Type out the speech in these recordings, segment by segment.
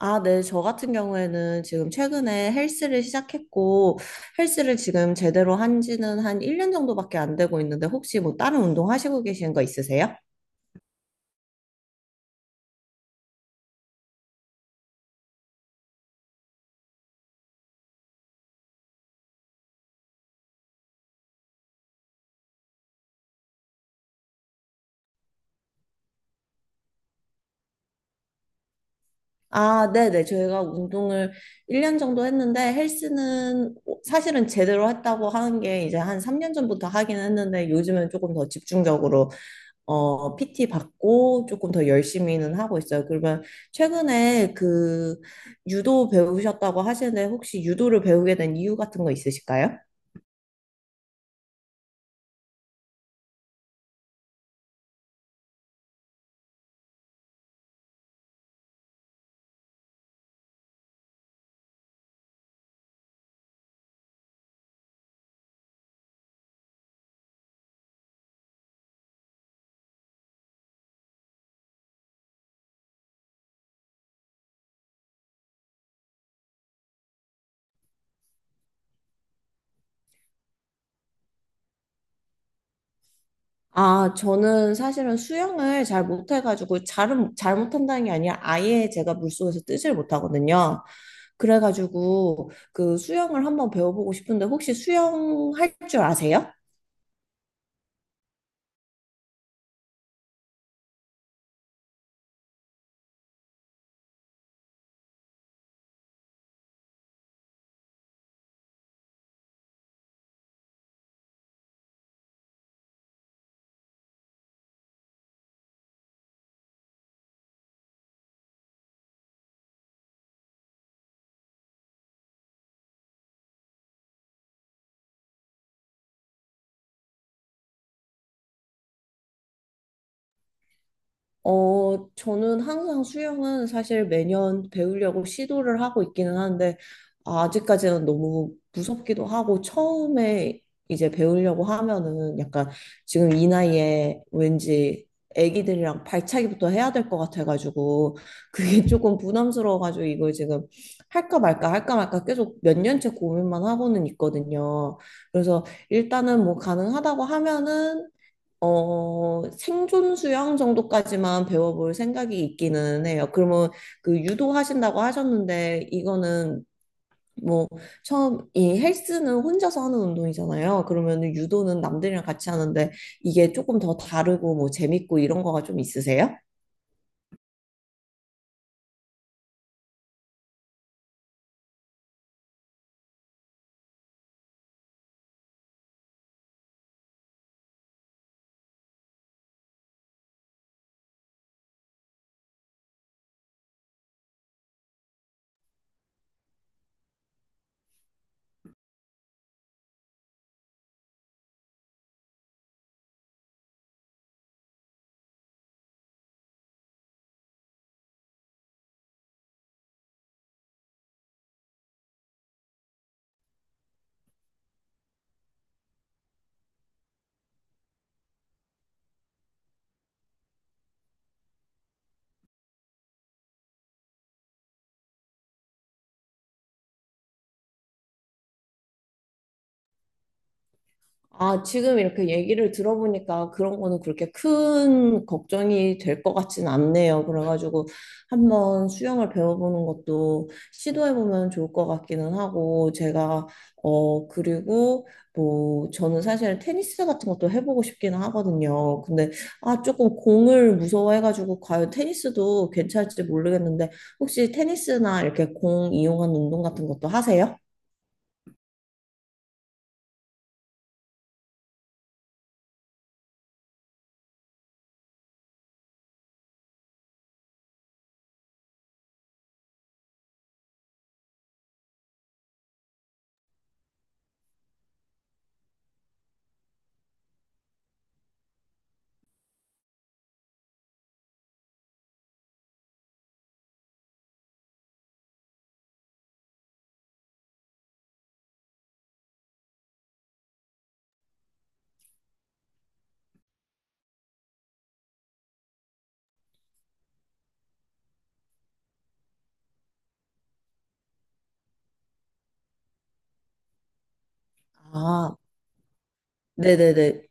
아, 네. 저 같은 경우에는 지금 최근에 헬스를 시작했고, 헬스를 지금 제대로 한 지는 한 1년 정도밖에 안 되고 있는데, 혹시 뭐 다른 운동 하시고 계신 거 있으세요? 아, 네네. 저희가 운동을 1년 정도 했는데 헬스는 사실은 제대로 했다고 하는 게 이제 한 3년 전부터 하긴 했는데 요즘은 조금 더 집중적으로 PT 받고 조금 더 열심히는 하고 있어요. 그러면 최근에 그 유도 배우셨다고 하시는데 혹시 유도를 배우게 된 이유 같은 거 있으실까요? 아, 저는 사실은 수영을 잘 못해가지고, 잘 못한다는 게 아니라 아예 제가 물속에서 뜨질 못하거든요. 그래가지고, 그 수영을 한번 배워보고 싶은데, 혹시 수영할 줄 아세요? 어, 저는 항상 수영은 사실 매년 배우려고 시도를 하고 있기는 한데, 아직까지는 너무 무섭기도 하고, 처음에 이제 배우려고 하면은 약간 지금 이 나이에 왠지 애기들이랑 발차기부터 해야 될 것 같아가지고, 그게 조금 부담스러워가지고, 이걸 지금 할까 말까, 할까 말까 계속 몇 년째 고민만 하고는 있거든요. 그래서 일단은 뭐 가능하다고 하면은 생존 수영 정도까지만 배워볼 생각이 있기는 해요. 그러면 그 유도하신다고 하셨는데, 이거는 뭐, 처음, 이 헬스는 혼자서 하는 운동이잖아요. 그러면 유도는 남들이랑 같이 하는데, 이게 조금 더 다르고 뭐 재밌고 이런 거가 좀 있으세요? 아, 지금 이렇게 얘기를 들어보니까 그런 거는 그렇게 큰 걱정이 될 것 같진 않네요. 그래가지고 한번 수영을 배워보는 것도 시도해보면 좋을 것 같기는 하고, 제가, 그리고 뭐, 저는 사실 테니스 같은 것도 해보고 싶기는 하거든요. 근데, 아, 조금 공을 무서워해가지고, 과연 테니스도 괜찮을지 모르겠는데, 혹시 테니스나 이렇게 공 이용한 운동 같은 것도 하세요? 아, 네네네.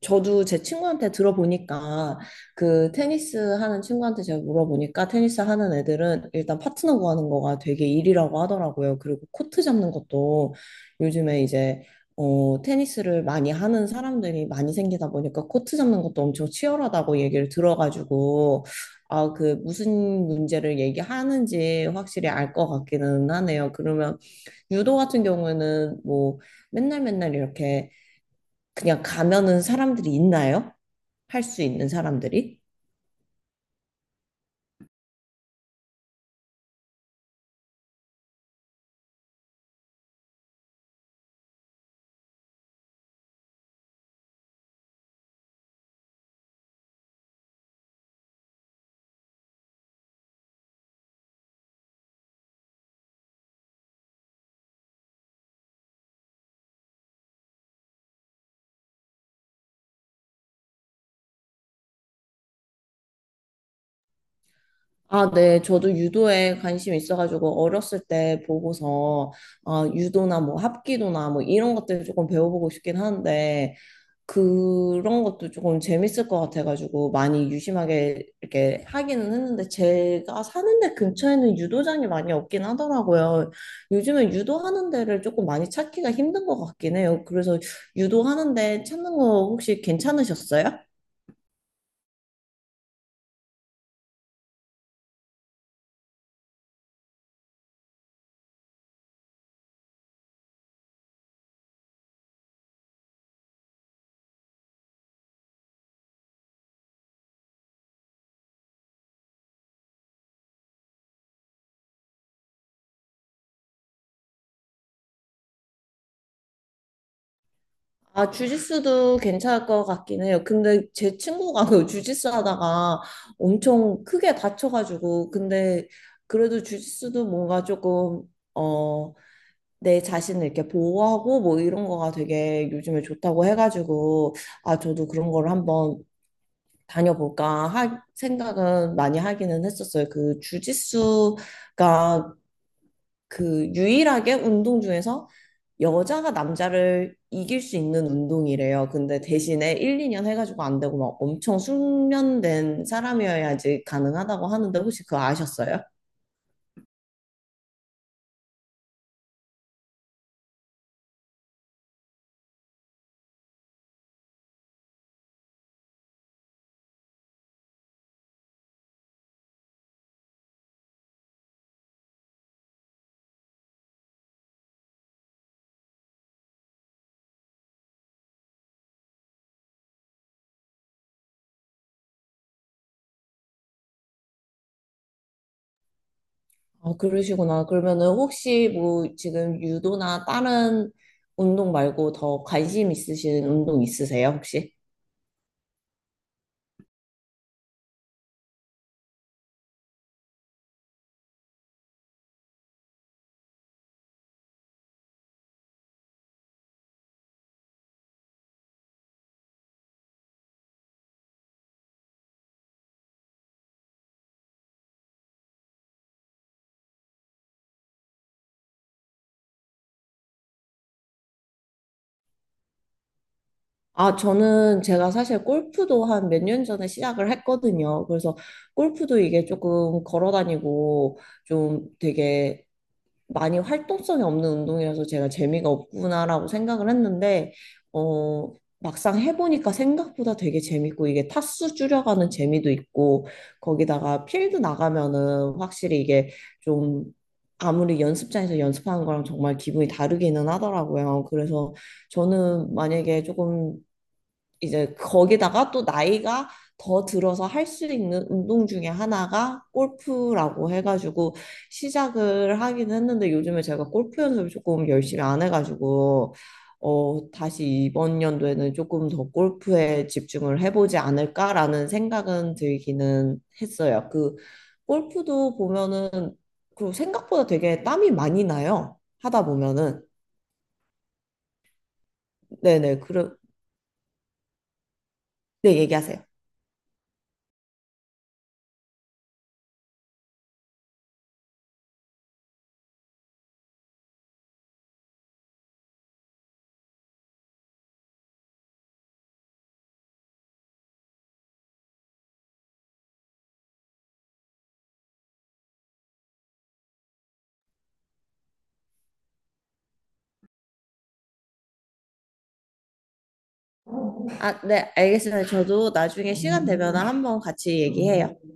저도 제 친구한테 들어보니까 그 테니스 하는 친구한테 제가 물어보니까 테니스 하는 애들은 일단 파트너 구하는 거가 되게 일이라고 하더라고요. 그리고 코트 잡는 것도 요즘에 이제 테니스를 많이 하는 사람들이 많이 생기다 보니까 코트 잡는 것도 엄청 치열하다고 얘기를 들어가지고 아, 그 무슨 문제를 얘기하는지 확실히 알 것 같기는 하네요. 그러면 유도 같은 경우에는 뭐 맨날 맨날 이렇게 그냥 가면은 사람들이 있나요? 할 수 있는 사람들이? 아, 네. 저도 유도에 관심이 있어가지고 어렸을 때 보고서 아, 유도나 뭐 합기도나 뭐 이런 것들 조금 배워보고 싶긴 하는데 그런 것도 조금 재밌을 것 같아가지고 많이 유심하게 이렇게 하기는 했는데 제가 사는 데 근처에는 유도장이 많이 없긴 하더라고요. 요즘은 유도하는 데를 조금 많이 찾기가 힘든 것 같긴 해요. 그래서 유도하는 데 찾는 거 혹시 괜찮으셨어요? 아, 주짓수도 괜찮을 것 같긴 해요. 근데 제 친구가 그 주짓수 하다가 엄청 크게 다쳐가지고, 근데 그래도 주짓수도 뭔가 조금, 어, 내 자신을 이렇게 보호하고 뭐 이런 거가 되게 요즘에 좋다고 해가지고, 아, 저도 그런 거를 한번 다녀볼까 생각은 많이 하기는 했었어요. 그 주짓수가 그 유일하게 운동 중에서 여자가 남자를 이길 수 있는 운동이래요. 근데 대신에 1, 2년 해가지고 안 되고 막 엄청 숙련된 사람이어야지 가능하다고 하는데 혹시 그거 아셨어요? 아, 그러시구나. 그러면은 혹시 뭐 지금 유도나 다른 운동 말고 더 관심 있으신 운동 있으세요, 혹시? 아, 저는 제가 사실 골프도 한 몇 년 전에 시작을 했거든요. 그래서 골프도 이게 조금 걸어 다니고 좀 되게 많이 활동성이 없는 운동이라서 제가 재미가 없구나라고 생각을 했는데, 어, 막상 해보니까 생각보다 되게 재밌고, 이게 타수 줄여가는 재미도 있고, 거기다가 필드 나가면은 확실히 이게 좀 아무리 연습장에서 연습하는 거랑 정말 기분이 다르기는 하더라고요. 그래서 저는 만약에 조금 이제 거기다가 또 나이가 더 들어서 할 수 있는 운동 중에 하나가 골프라고 해가지고 시작을 하긴 했는데 요즘에 제가 골프 연습을 조금 열심히 안 해가지고 다시 이번 연도에는 조금 더 골프에 집중을 해보지 않을까라는 생각은 들기는 했어요. 그 골프도 보면은 그리고 생각보다 되게 땀이 많이 나요. 하다 보면은 네네 그래 네 얘기하세요. 아, 네, 알겠습니다. 저도 나중에 시간 되면 한번 같이 얘기해요.